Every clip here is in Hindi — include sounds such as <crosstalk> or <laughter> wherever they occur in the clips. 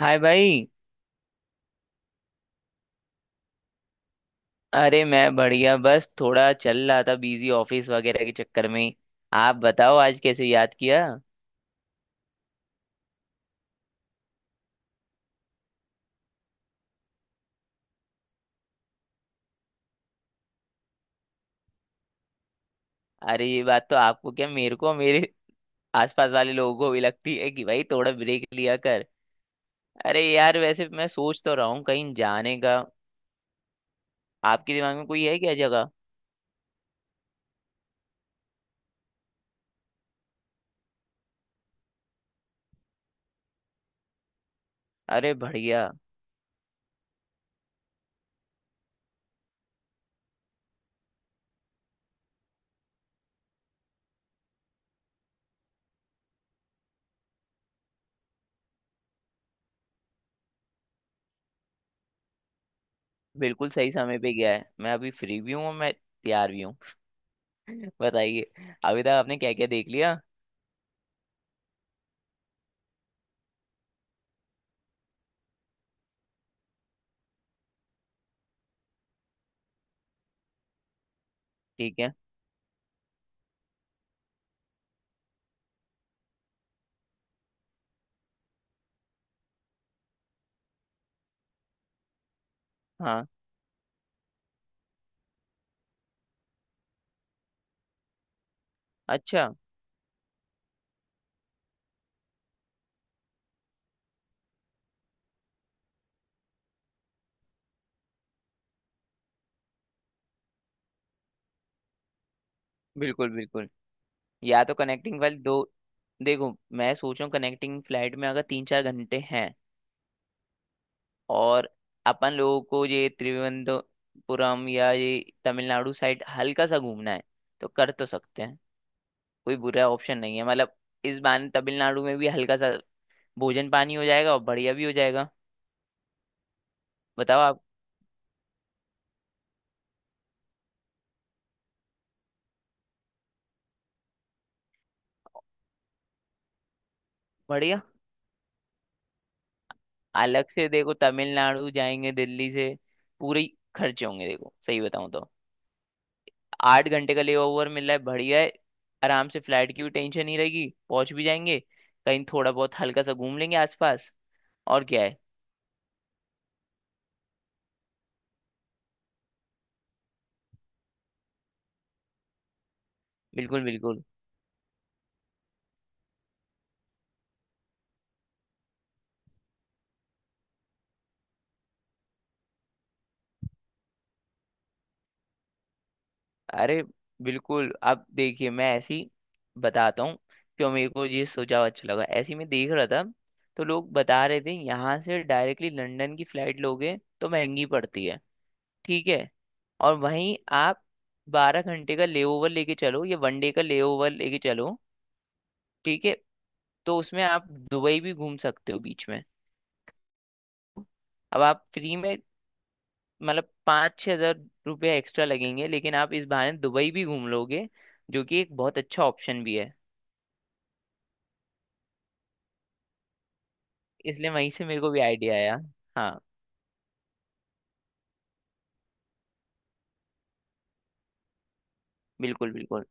हाय भाई। अरे मैं बढ़िया, बस थोड़ा चल रहा था बिजी, ऑफिस वगैरह के चक्कर में। आप बताओ आज कैसे याद किया। अरे ये बात तो आपको क्या, मेरे को मेरे आसपास वाले लोगों को भी लगती है कि भाई थोड़ा ब्रेक लिया कर। अरे यार, वैसे मैं सोच तो रहा हूँ कहीं जाने का। आपके दिमाग में कोई है क्या जगह? अरे बढ़िया। बिल्कुल सही समय पे गया है, मैं अभी फ्री भी हूँ और मैं तैयार भी हूँ। <laughs> बताइए, अभी तक आपने क्या क्या देख लिया। ठीक है। हाँ। अच्छा। बिल्कुल बिल्कुल। या तो कनेक्टिंग फ्लाइट दो। देखो, मैं सोच रहा हूँ कनेक्टिंग फ्लाइट में अगर 3-4 घंटे हैं और अपन लोगों को ये त्रिवेंद्रपुरम या ये तमिलनाडु साइड हल्का सा घूमना है तो कर तो सकते हैं। कोई बुरा ऑप्शन नहीं है, मतलब इस बार तमिलनाडु में भी हल्का सा भोजन पानी हो जाएगा और बढ़िया भी हो जाएगा। बताओ आप। बढ़िया। अलग से देखो तमिलनाडु जाएंगे दिल्ली से, पूरे ही खर्चे होंगे। देखो सही बताऊं तो 8 घंटे का लेबर ओवर मिल रहा है, बढ़िया है। आराम से, फ्लाइट की भी टेंशन नहीं रहेगी, पहुंच भी जाएंगे, कहीं थोड़ा बहुत हल्का सा घूम लेंगे आसपास। और क्या है। बिल्कुल बिल्कुल। अरे बिल्कुल, अब देखिए मैं ऐसी बताता हूँ क्यों मेरे को ये सुझाव अच्छा लगा। ऐसे ही मैं देख रहा था तो लोग बता रहे थे यहाँ से डायरेक्टली लंदन की फ्लाइट लोगे तो महंगी पड़ती है। ठीक है। और वहीं आप 12 घंटे का लेओवर लेके चलो या वन डे का लेओवर लेके चलो, ठीक है, तो उसमें आप दुबई भी घूम सकते हो बीच में। अब आप फ्री में, मतलब 5-6 हज़ार रुपया एक्स्ट्रा लगेंगे लेकिन आप इस बहाने दुबई भी घूम लोगे, जो कि एक बहुत अच्छा ऑप्शन भी है। इसलिए वहीं से मेरे को भी आइडिया आया। हाँ। बिल्कुल बिल्कुल।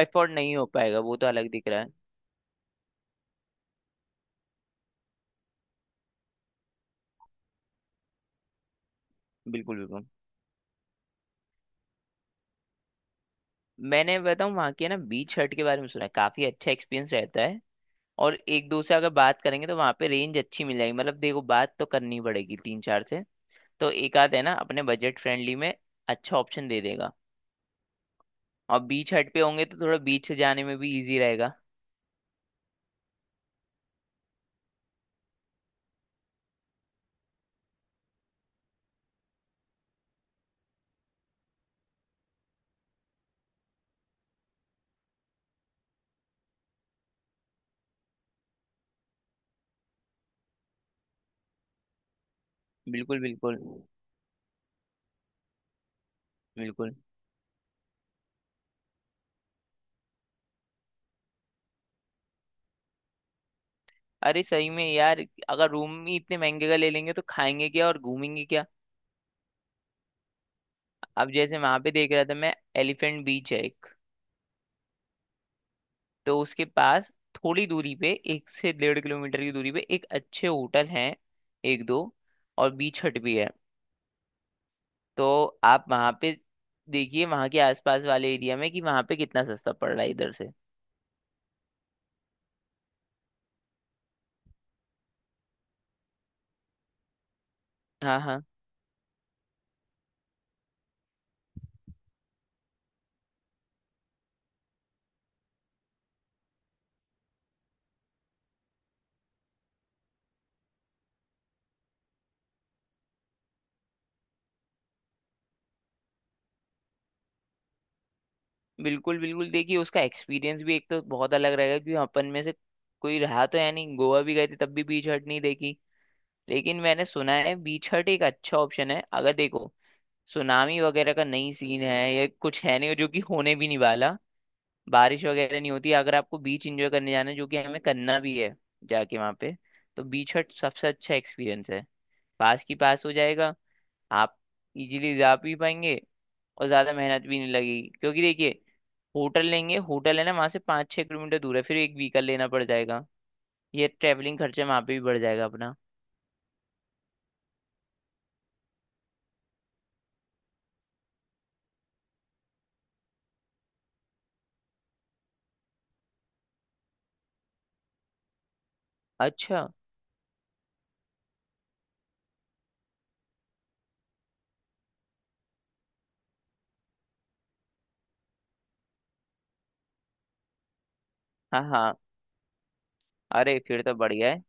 एफोर्ड नहीं हो पाएगा वो तो, अलग दिख रहा है। बिल्कुल बिल्कुल। मैंने बताऊँ वहाँ के ना बीच हट के बारे में सुना है, काफी अच्छा एक्सपीरियंस रहता है। और एक दो से अगर बात करेंगे तो वहाँ पे रेंज अच्छी मिल जाएगी। मतलब देखो बात तो करनी पड़ेगी तीन चार से, तो एक आध है ना अपने बजट फ्रेंडली में, अच्छा ऑप्शन दे देगा। और बीच हट पे होंगे तो थोड़ा बीच से जाने में भी इजी रहेगा। बिल्कुल बिल्कुल। बिल्कुल। अरे सही में यार, अगर रूम ही इतने महंगे का ले लेंगे तो खाएंगे क्या और घूमेंगे क्या। अब जैसे वहां पे देख रहा था मैं, एलिफेंट बीच है एक, तो उसके पास थोड़ी दूरी पे, 1 से 1.5 किलोमीटर की दूरी पे, एक अच्छे होटल हैं, एक दो, और बीच हट भी है। तो आप वहां पे देखिए, वहां के आसपास वाले एरिया में कि वहां पे कितना सस्ता पड़ रहा है इधर से। हाँ हाँ। बिल्कुल बिल्कुल, देखिए उसका एक्सपीरियंस भी एक तो बहुत अलग रहेगा, क्योंकि अपन में से कोई रहा तो है नहीं, गोवा भी गए थे तब भी बीच हट नहीं देखी। लेकिन मैंने सुना है बीच हट एक अच्छा ऑप्शन है। अगर देखो सुनामी वगैरह का नहीं सीन है या कुछ है नहीं, जो कि होने भी नहीं वाला, बारिश वगैरह नहीं होती, अगर आपको बीच एंजॉय करने जाना है, जो कि हमें करना भी है, जाके वहाँ पे, तो बीच हट सबसे अच्छा एक्सपीरियंस है। पास की पास हो जाएगा, आप इजीली जा भी पाएंगे और ज्यादा मेहनत भी नहीं लगेगी। क्योंकि देखिए, होटल लेंगे, होटल है ना वहां से 5-6 किलोमीटर दूर है, फिर एक व्हीकल लेना पड़ जाएगा, ये ट्रैवलिंग खर्चा वहां पे भी बढ़ जाएगा अपना। अच्छा। हाँ हाँ। अरे फिर तो बढ़ गया है।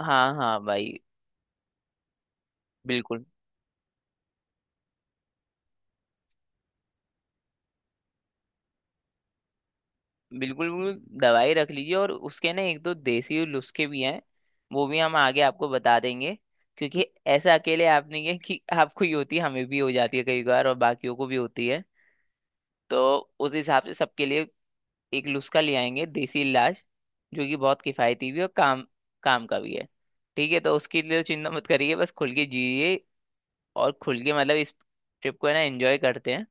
हाँ हाँ भाई। बिल्कुल। बिल्कुल बिल्कुल दवाई रख लीजिए, और उसके ना एक दो देसी नुस्खे भी हैं, वो भी हम आगे आपको बता देंगे। क्योंकि ऐसा अकेले आप नहीं है कि आपको ही होती है, हमें भी हो जाती है कई बार और बाकियों को भी होती है। तो उस हिसाब से सबके लिए एक नुस्खा ले आएंगे, देसी इलाज, जो कि बहुत किफायती भी है और काम काम का भी है। ठीक है, तो उसके लिए तो चिंता मत करिए, बस खुल के जिए। और खुल के मतलब इस ट्रिप को है ना एंजॉय करते हैं।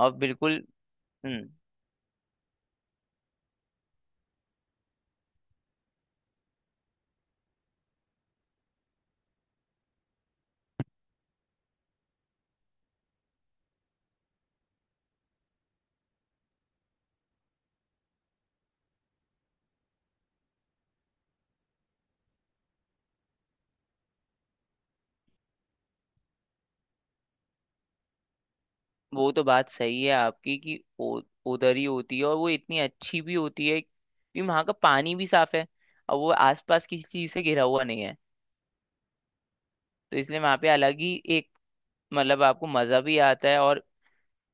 और बिल्कुल। हम्म। वो तो बात सही है आपकी, कि उधर ही होती है, और वो इतनी अच्छी भी होती है कि वहाँ का पानी भी साफ है और वो आसपास किसी चीज़ से घिरा हुआ नहीं है। तो इसलिए वहाँ पे अलग ही एक, मतलब आपको मज़ा भी आता है। और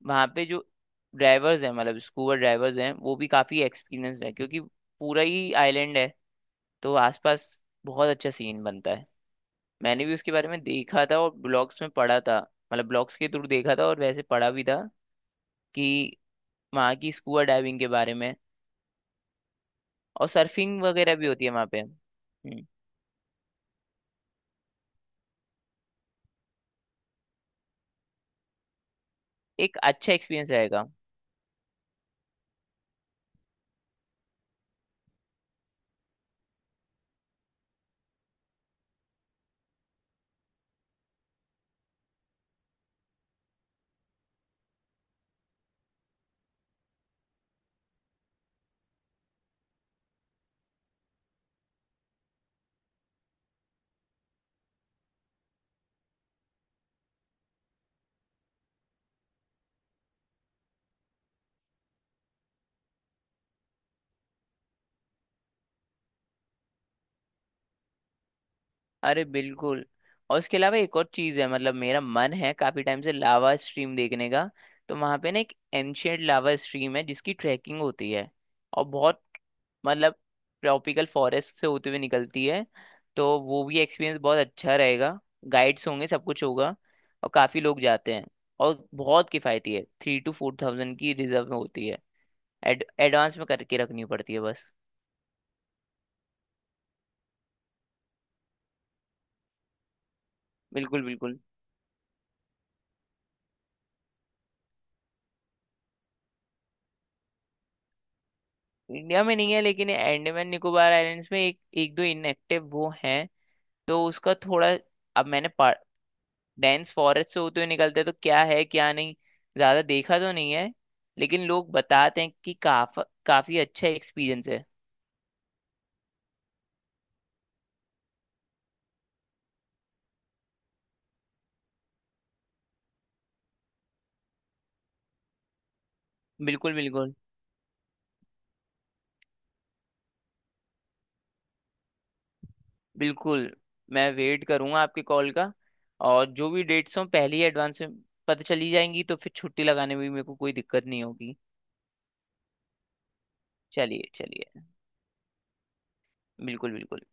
वहाँ पे जो ड्राइवर्स हैं, मतलब स्कूबा ड्राइवर्स हैं, वो भी काफ़ी एक्सपीरियंस्ड है क्योंकि पूरा ही आइलैंड है, तो आसपास बहुत अच्छा सीन बनता है। मैंने भी उसके बारे में देखा था और ब्लॉग्स में पढ़ा था, मतलब ब्लॉग्स के थ्रू देखा था और वैसे पढ़ा भी था कि वहाँ की स्कूबा डाइविंग के बारे में। और सर्फिंग वगैरह भी होती है वहाँ पे। हम्म। एक अच्छा एक्सपीरियंस रहेगा। अरे बिल्कुल। और उसके अलावा एक और चीज है, मतलब मेरा मन है काफी टाइम से लावा स्ट्रीम देखने का। तो वहां पे ना एक एंशियंट लावा स्ट्रीम है जिसकी ट्रैकिंग होती है। और बहुत, मतलब ट्रॉपिकल फॉरेस्ट से होते हुए निकलती है, तो वो भी एक्सपीरियंस बहुत अच्छा रहेगा। गाइड्स होंगे, सब कुछ होगा, और काफी लोग जाते हैं। और बहुत किफायती है, 3 to 4 थाउज़ेंड की रिजर्व में होती है। एडवांस में करके रखनी पड़ती है बस। बिल्कुल बिल्कुल। इंडिया में नहीं है लेकिन अंडमान निकोबार आइलैंड्स में एक, एक दो इनएक्टिव वो हैं। तो उसका थोड़ा, अब मैंने, डेंस फॉरेस्ट से होते हुए निकलते हैं तो क्या है क्या नहीं, ज्यादा देखा तो नहीं है, लेकिन लोग बताते हैं कि काफी अच्छा एक्सपीरियंस है। बिल्कुल बिल्कुल। बिल्कुल। मैं वेट करूंगा आपके कॉल का। और जो भी डेट्स हों पहले ही एडवांस में पता चली जाएंगी तो फिर छुट्टी लगाने में भी मेरे को कोई दिक्कत नहीं होगी। चलिए चलिए। बिल्कुल बिल्कुल।